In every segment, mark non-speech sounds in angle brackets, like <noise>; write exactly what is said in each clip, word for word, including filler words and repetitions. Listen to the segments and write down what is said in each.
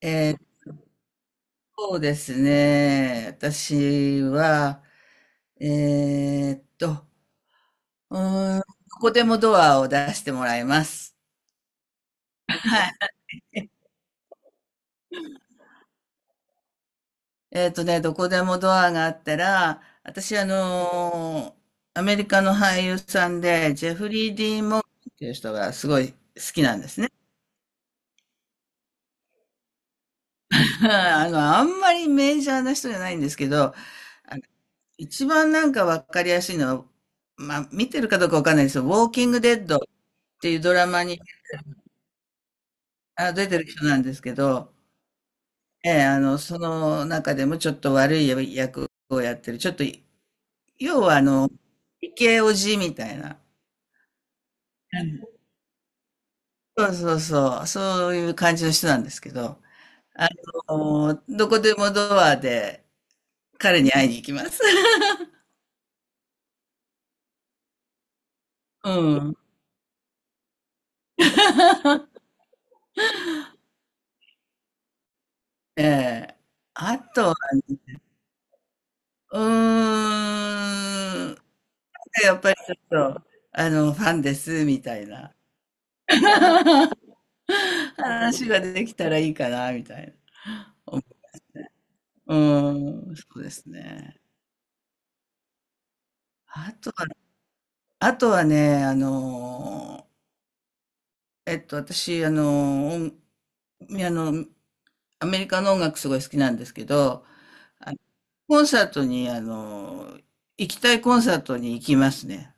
えー、そうですね。私は、えーっと、うーん、どこでもドアを出してもらいます。はい。えーっとね、どこでもドアがあったら、私、あのーアメリカの俳優さんで、ジェフリー・ディーン・モーガンっていう人がすごい好きなんですね。<laughs> あの、あんまりメジャーな人じゃないんですけど、あの一番なんかわかりやすいのは、まあ、見てるかどうかわかんないですよ。ウォーキング・デッドていうドラマにあ出てる人なんですけど、ええ、あの、その中でもちょっと悪い役をやってる、ちょっと、要はあの、イケオジみたいな、そうそうそう、そういう感じの人なんですけど、あの、どこでもドアで彼に会いに行きます。<laughs> うん。<laughs> ええ。あとはね、うーん、やっぱりちょっと、あの、ファンです、みたいな。<laughs> <laughs> 話ができたらいいかな、みたいな。うん、うん、そうですね。あとは、あとはね、あのえっと、私、あの音あの、アメリカの音楽すごい好きなんですけど、あのコンサートに、あの行きたいコンサートに行きますね。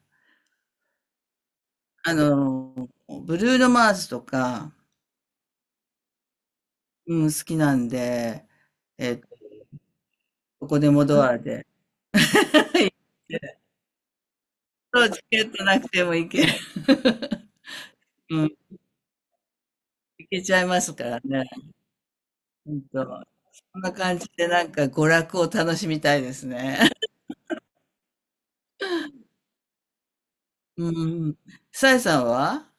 あのブルーノ・マーズとか、うん、好きなんで、えっと、どこでもドアで、<laughs> そう、チケットなくても行ける。<laughs> いけちゃいますからね。ほんと。そんな感じでなんか娯楽を楽しみたいですね。<laughs> うんうん。さえさんは？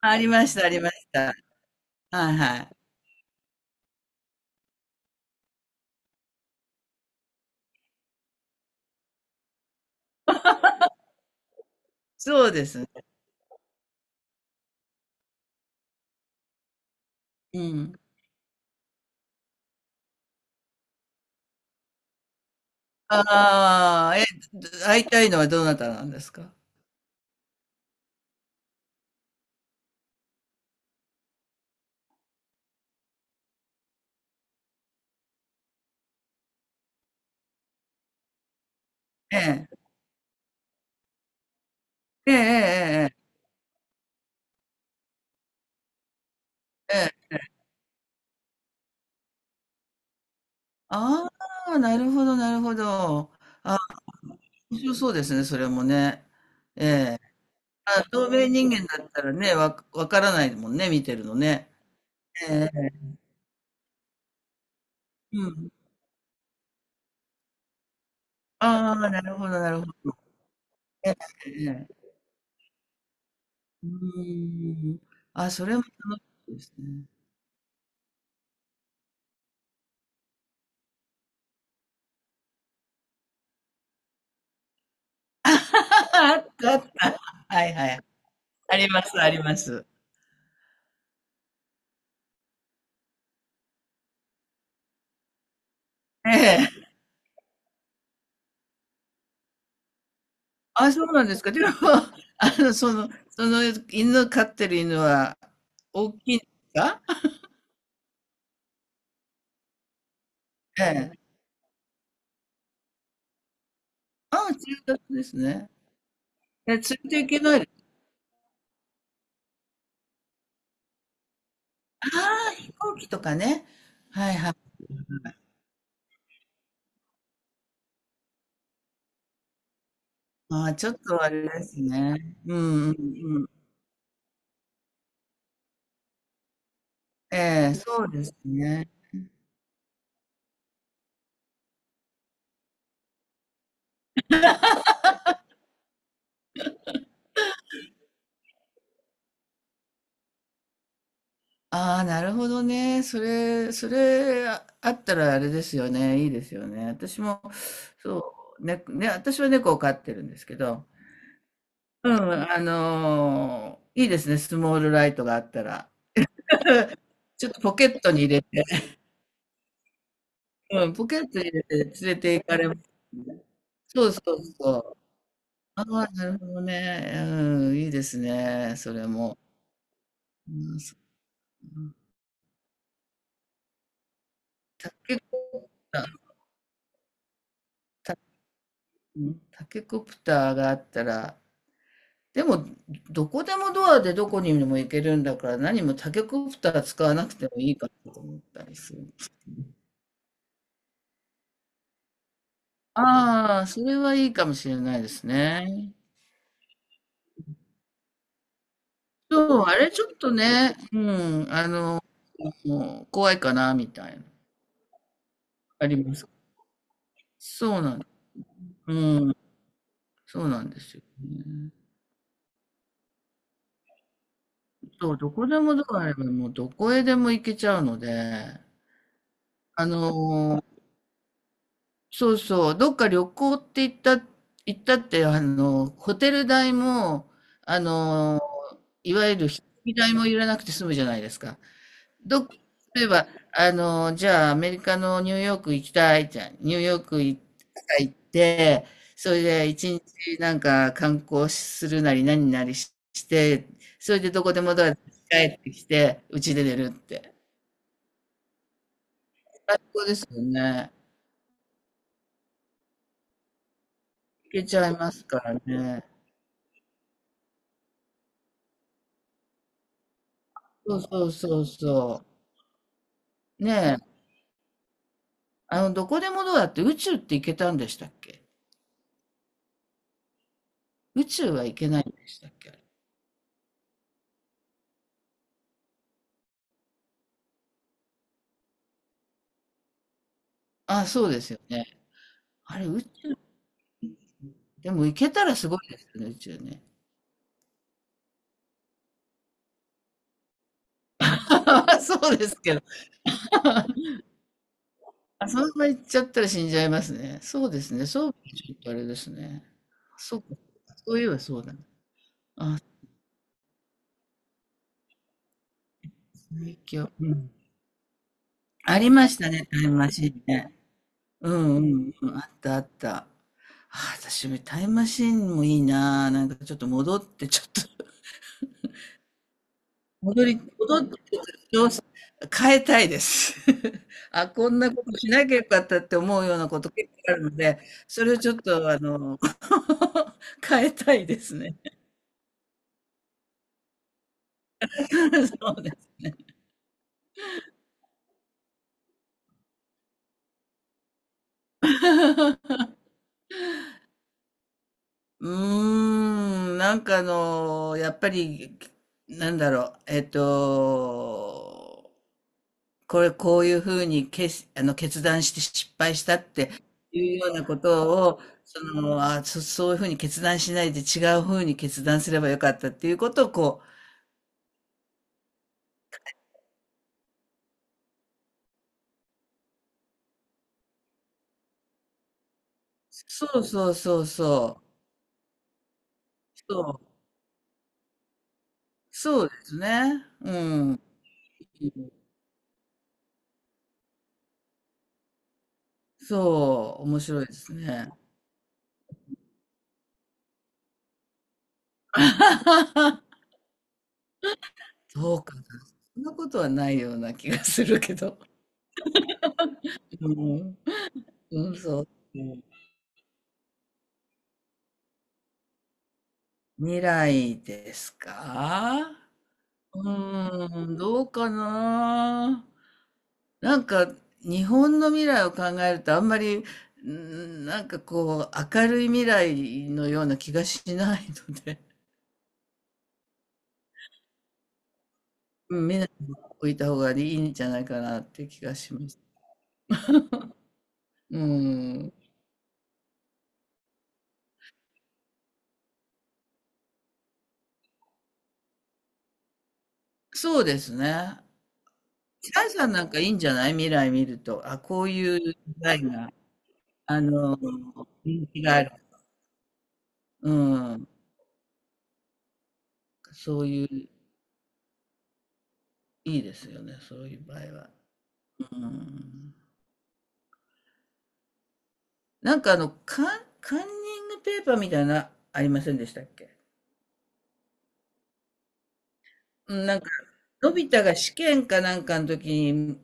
あ、ありました、ありました。はいはい。そうですね。うん。ああ、え、会いたいのはどなたなんですか？ええ。ええええええ。ええ。ああ、なるほどなるほど。あ、面白そうですね、それもね。あ、透明人間だったらね、わわからないもんね、見てるのね。ええ。うん。ああ、なるほどなるほどね。ええええうーん。あ、それも楽しいですね。<laughs> あったあった。はいはい。ありますあります。ええ。あ、そうなんですか。でも、あの、そのその犬飼ってる犬は大きいんですか？ええ。ああ、中型ですね。え、連れていけない？ああ、飛行機とかね。はいはい。ああ、ちょっとあれですね。うんうんうん。ええ、そうですね。ああ、なるほどね。それ、それああったらあれですよね。いいですよね。私も、そう、ね、ね、私は猫を飼ってるんですけど、うん、あのーいいですね。スモールライトがあったら。<laughs> ちょっとポケットに入れて、うん、ポケットに入れて連れて行かれます。そうそうそう。ああ、なるほどね。うん、いいですね。それも。うん、そう。タケコプター、タ、うんタケコプターがあったら、でも、どこでもドアでどこにでも行けるんだから、何もタケコプター使わなくてもいいかなと思ったりする。ああ、それはいいかもしれないですね。そう、あれちょっとね、うん、あの、もう怖いかな、みたいな。あります。そうなん、うん、そうなんですよね。そう、どこでもドアあれば、もうどこへでも行けちゃうので、あのそうそう、どっか旅行って言った、行ったって、あの、ホテル代も、あの、いわゆる飛行機代もいらなくて済むじゃないですか。どっ、例えば、あの、じゃあアメリカのニューヨーク行きたいじゃん。ニューヨーク行行って、それで一日なんか観光するなり何なりしして、それでどこでもドアで帰ってきて、うちで寝るって。最高ですよね。行けちゃいますからね。そうそうそうそう。ねえ、あの、どこでもドアって宇宙って行けたんでしたっけ？宇宙は行けないんでしたっけ、あれ。あ、そうですよね。あれ宇宙、でも行けたらすごいですよね、宇宙ね。<laughs> そうですけど。<laughs> あ、そんな行っちゃったら死んじゃいますね。そうですね、そう、ちょっとあれですね。そうか、そういえばそうだね。最強。うん。ありましたね、タイムマシーンね。うんうんうん、あったあった。ああ、私もタイムマシーンもいいな。なんかちょっと戻ってちょっと戻り戻って調査変えたいです。<laughs> あ、こんなことしなきゃよかったって思うようなこと結構あるので、それをちょっとあの、<laughs> 変えたいですね。<laughs> そうです。うーん、なんかあの、やっぱり、なんだろう、えっと、これ、こういうふうにけあの、決断して失敗したっていうようなことを、その、あ、そそういうふうに決断しないで違うふうに決断すればよかったっていうことをこうそうそうそうそう。そう、そうですね。うん。そう、面白いですね。<laughs> そうかな。そんなことはないような気がするけど。うん。うん、そう。うん。未来ですか？うーん、どうかな。なんか日本の未来を考えるとあんまり、うん、なんかこう明るい未来のような気がしないので、うん、みん置いた方がいいんじゃないかなって気がします。うん、そうですね。白井さんなんかいいんじゃない？未来見ると。あ、こういう未来が、あの、人気がある。うん、そういう、いいですよね、そういう場合は。うんなんかあの、カンカンニングペーパーみたいな、ありませんでしたっけ？うん、なんか、のび太が試験かなんかの時に、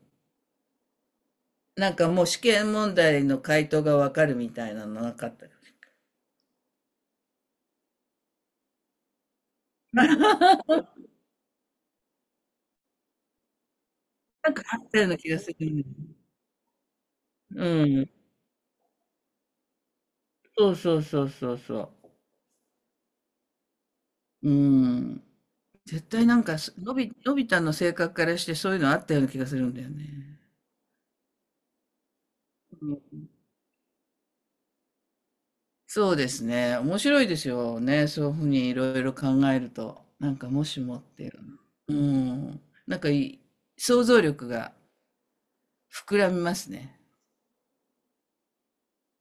なんかもう試験問題の回答がわかるみたいなのなかったです。<laughs> なんかあったような気がする。うん。そうそうそうそうそう。うん。絶対なんか、すのび、のび太の性格からしてそういうのあったような気がするんだよね。そうですね。面白いですよね。そういうふうにいろいろ考えると。なんかもしもっていうの。うん。なんかいい想像力が膨らみますね。